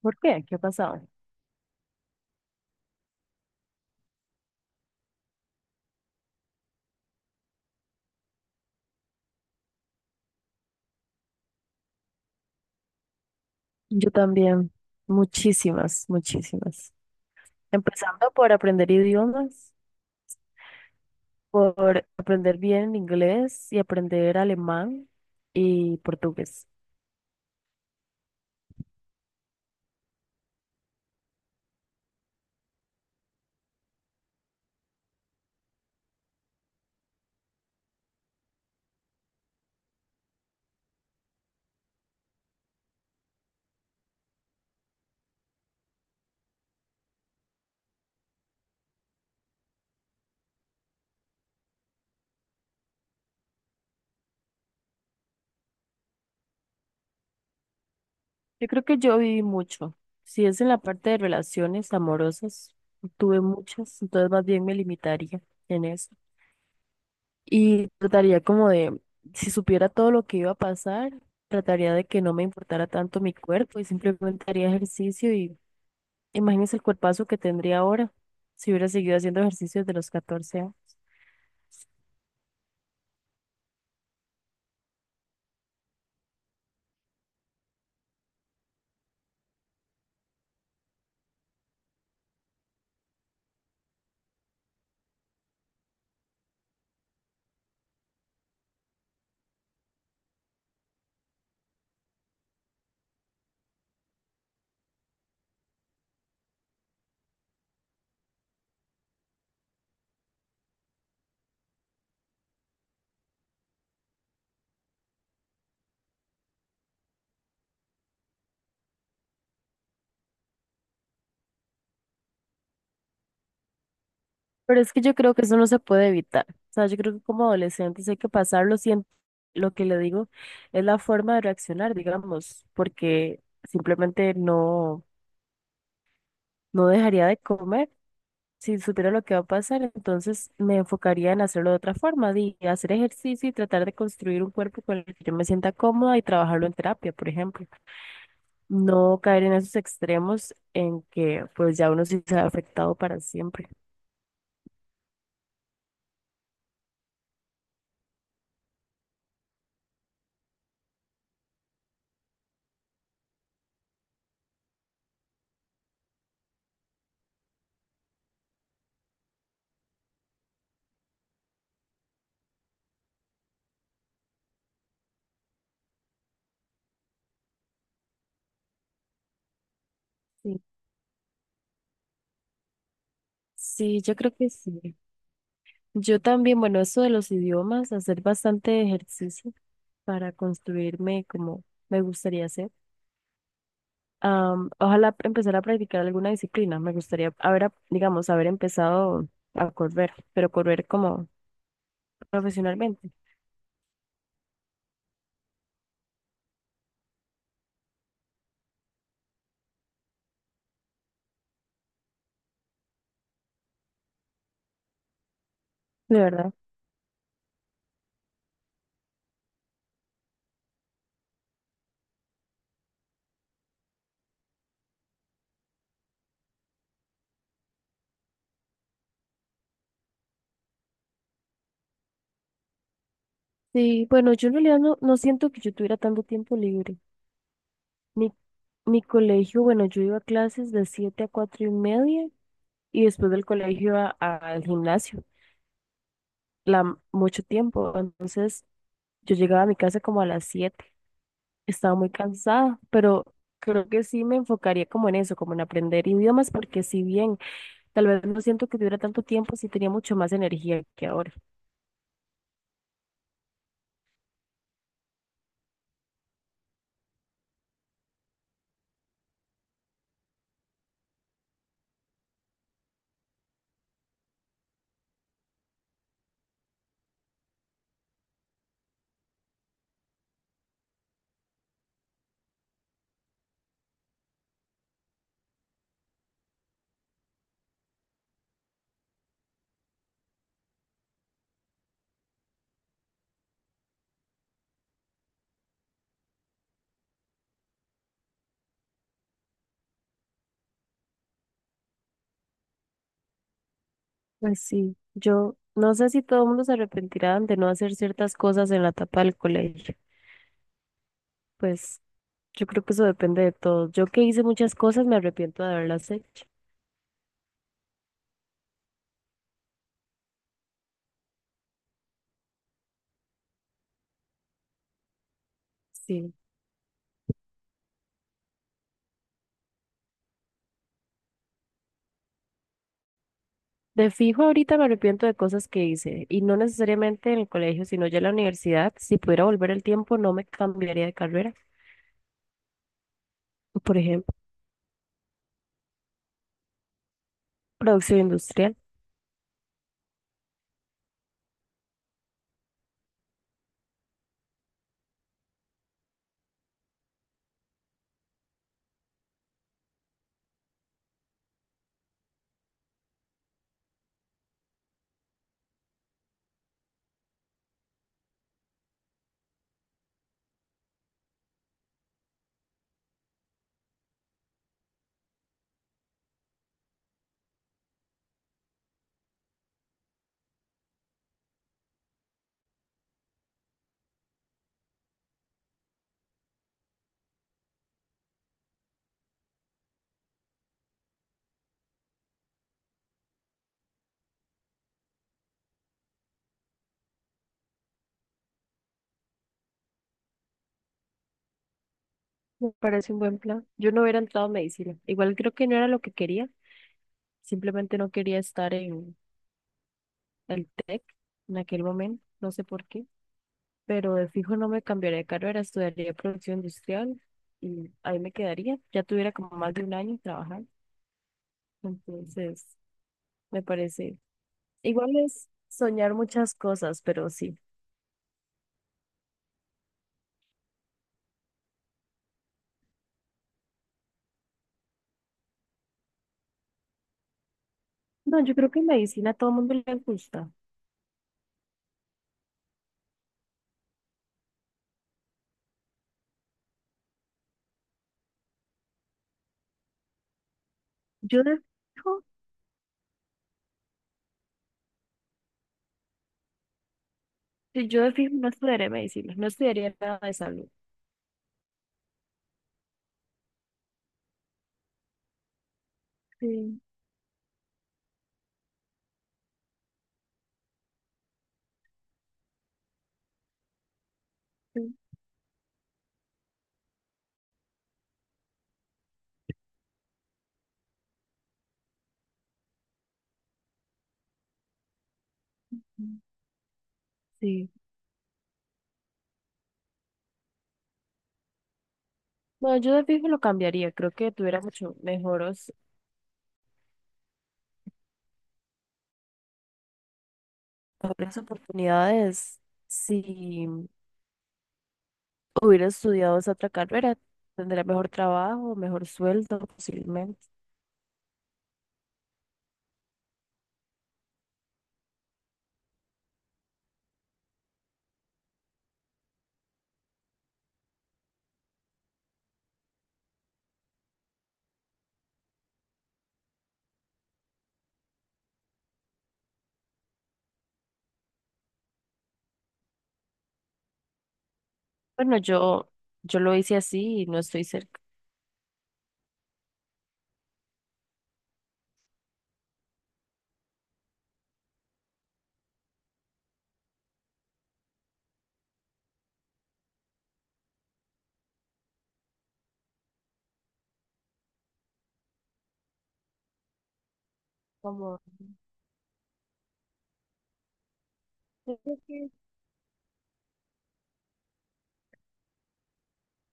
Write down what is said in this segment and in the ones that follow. ¿Por qué? ¿Qué ha pasado? Yo también, muchísimas, muchísimas. Empezando por aprender idiomas, por aprender bien inglés y aprender alemán y portugués. Yo creo que yo viví mucho. Si es en la parte de relaciones amorosas, tuve muchas, entonces más bien me limitaría en eso. Y trataría como de, si supiera todo lo que iba a pasar, trataría de que no me importara tanto mi cuerpo y simplemente haría ejercicio. Y Imagínese el cuerpazo que tendría ahora si hubiera seguido haciendo ejercicios de los 14 años. Pero es que yo creo que eso no se puede evitar. O sea, yo creo que como adolescentes hay que pasarlo. Siento, lo que le digo es la forma de reaccionar, digamos, porque simplemente no, no dejaría de comer si supiera lo que va a pasar. Entonces me enfocaría en hacerlo de otra forma, de hacer ejercicio y tratar de construir un cuerpo con el que yo me sienta cómoda y trabajarlo en terapia, por ejemplo. No caer en esos extremos en que pues ya uno sí se ha afectado para siempre. Sí, sí, yo creo que sí. Yo también, bueno, eso de los idiomas, hacer bastante ejercicio para construirme como me gustaría hacer. Ojalá empezar a practicar alguna disciplina. Me gustaría digamos, haber empezado a correr, pero correr como profesionalmente. De verdad. Sí, bueno, yo en realidad no, no siento que yo tuviera tanto tiempo libre. Mi, mi colegio, bueno, yo iba a clases de 7 a 4:30 y después del colegio iba al gimnasio, mucho tiempo. Entonces yo llegaba a mi casa como a las 7. Estaba muy cansada, pero creo que sí me enfocaría como en eso, como en aprender idiomas, porque si bien tal vez no siento que tuviera tanto tiempo, sí tenía mucho más energía que ahora. Pues sí, yo no sé si todo el mundo se arrepentirá de no hacer ciertas cosas en la etapa del colegio. Pues yo creo que eso depende de todo. Yo que hice muchas cosas me arrepiento de haberlas hecho. Sí. De fijo ahorita me arrepiento de cosas que hice y no necesariamente en el colegio, sino ya en la universidad. Si pudiera volver el tiempo, no me cambiaría de carrera. Por ejemplo, producción industrial. Me parece un buen plan. Yo no hubiera entrado a medicina. Igual creo que no era lo que quería. Simplemente no quería estar en el TEC en aquel momento. No sé por qué. Pero de fijo no me cambiaría de carrera, estudiaría producción industrial y ahí me quedaría. Ya tuviera como más de un año trabajando, entonces me parece. Igual es soñar muchas cosas, pero sí. No, yo creo que medicina a todo el mundo le gusta. Yo de fijo, sí, yo de fijo no estudiaría medicina, no estudiaría nada de salud. Sí, sí. Sí. Sí. No, yo de fijo lo cambiaría, creo que tuviera mucho mejores, mejores oportunidades. Si hubiera estudiado esa otra carrera, tendría mejor trabajo, mejor sueldo, posiblemente. Bueno, yo lo hice así y no estoy cerca. Como, yo creo que-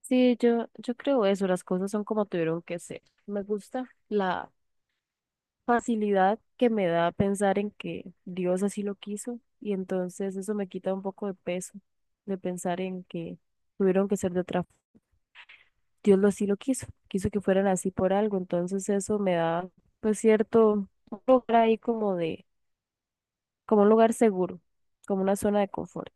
Sí, yo creo eso, las cosas son como tuvieron que ser. Me gusta la facilidad que me da pensar en que Dios así lo quiso y entonces eso me quita un poco de peso de pensar en que tuvieron que ser de otra. Dios lo sí lo quiso, quiso que fueran así por algo, entonces eso me da pues cierto un lugar ahí como de, como un lugar seguro, como una zona de confort.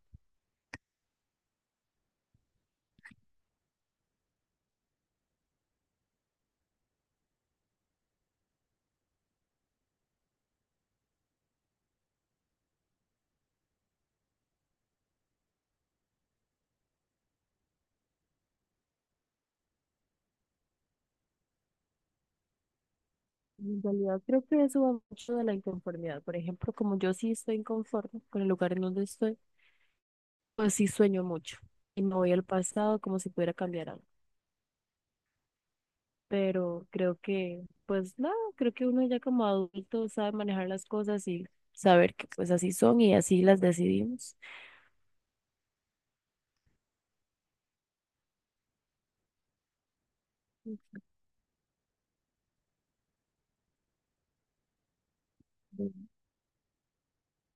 En realidad creo que eso va mucho de la inconformidad. Por ejemplo, como yo sí estoy inconforme con el lugar en donde estoy, pues sí sueño mucho y me voy al pasado como si pudiera cambiar algo. Pero creo que, pues nada, creo que uno ya como adulto sabe manejar las cosas y saber que pues así son y así las decidimos.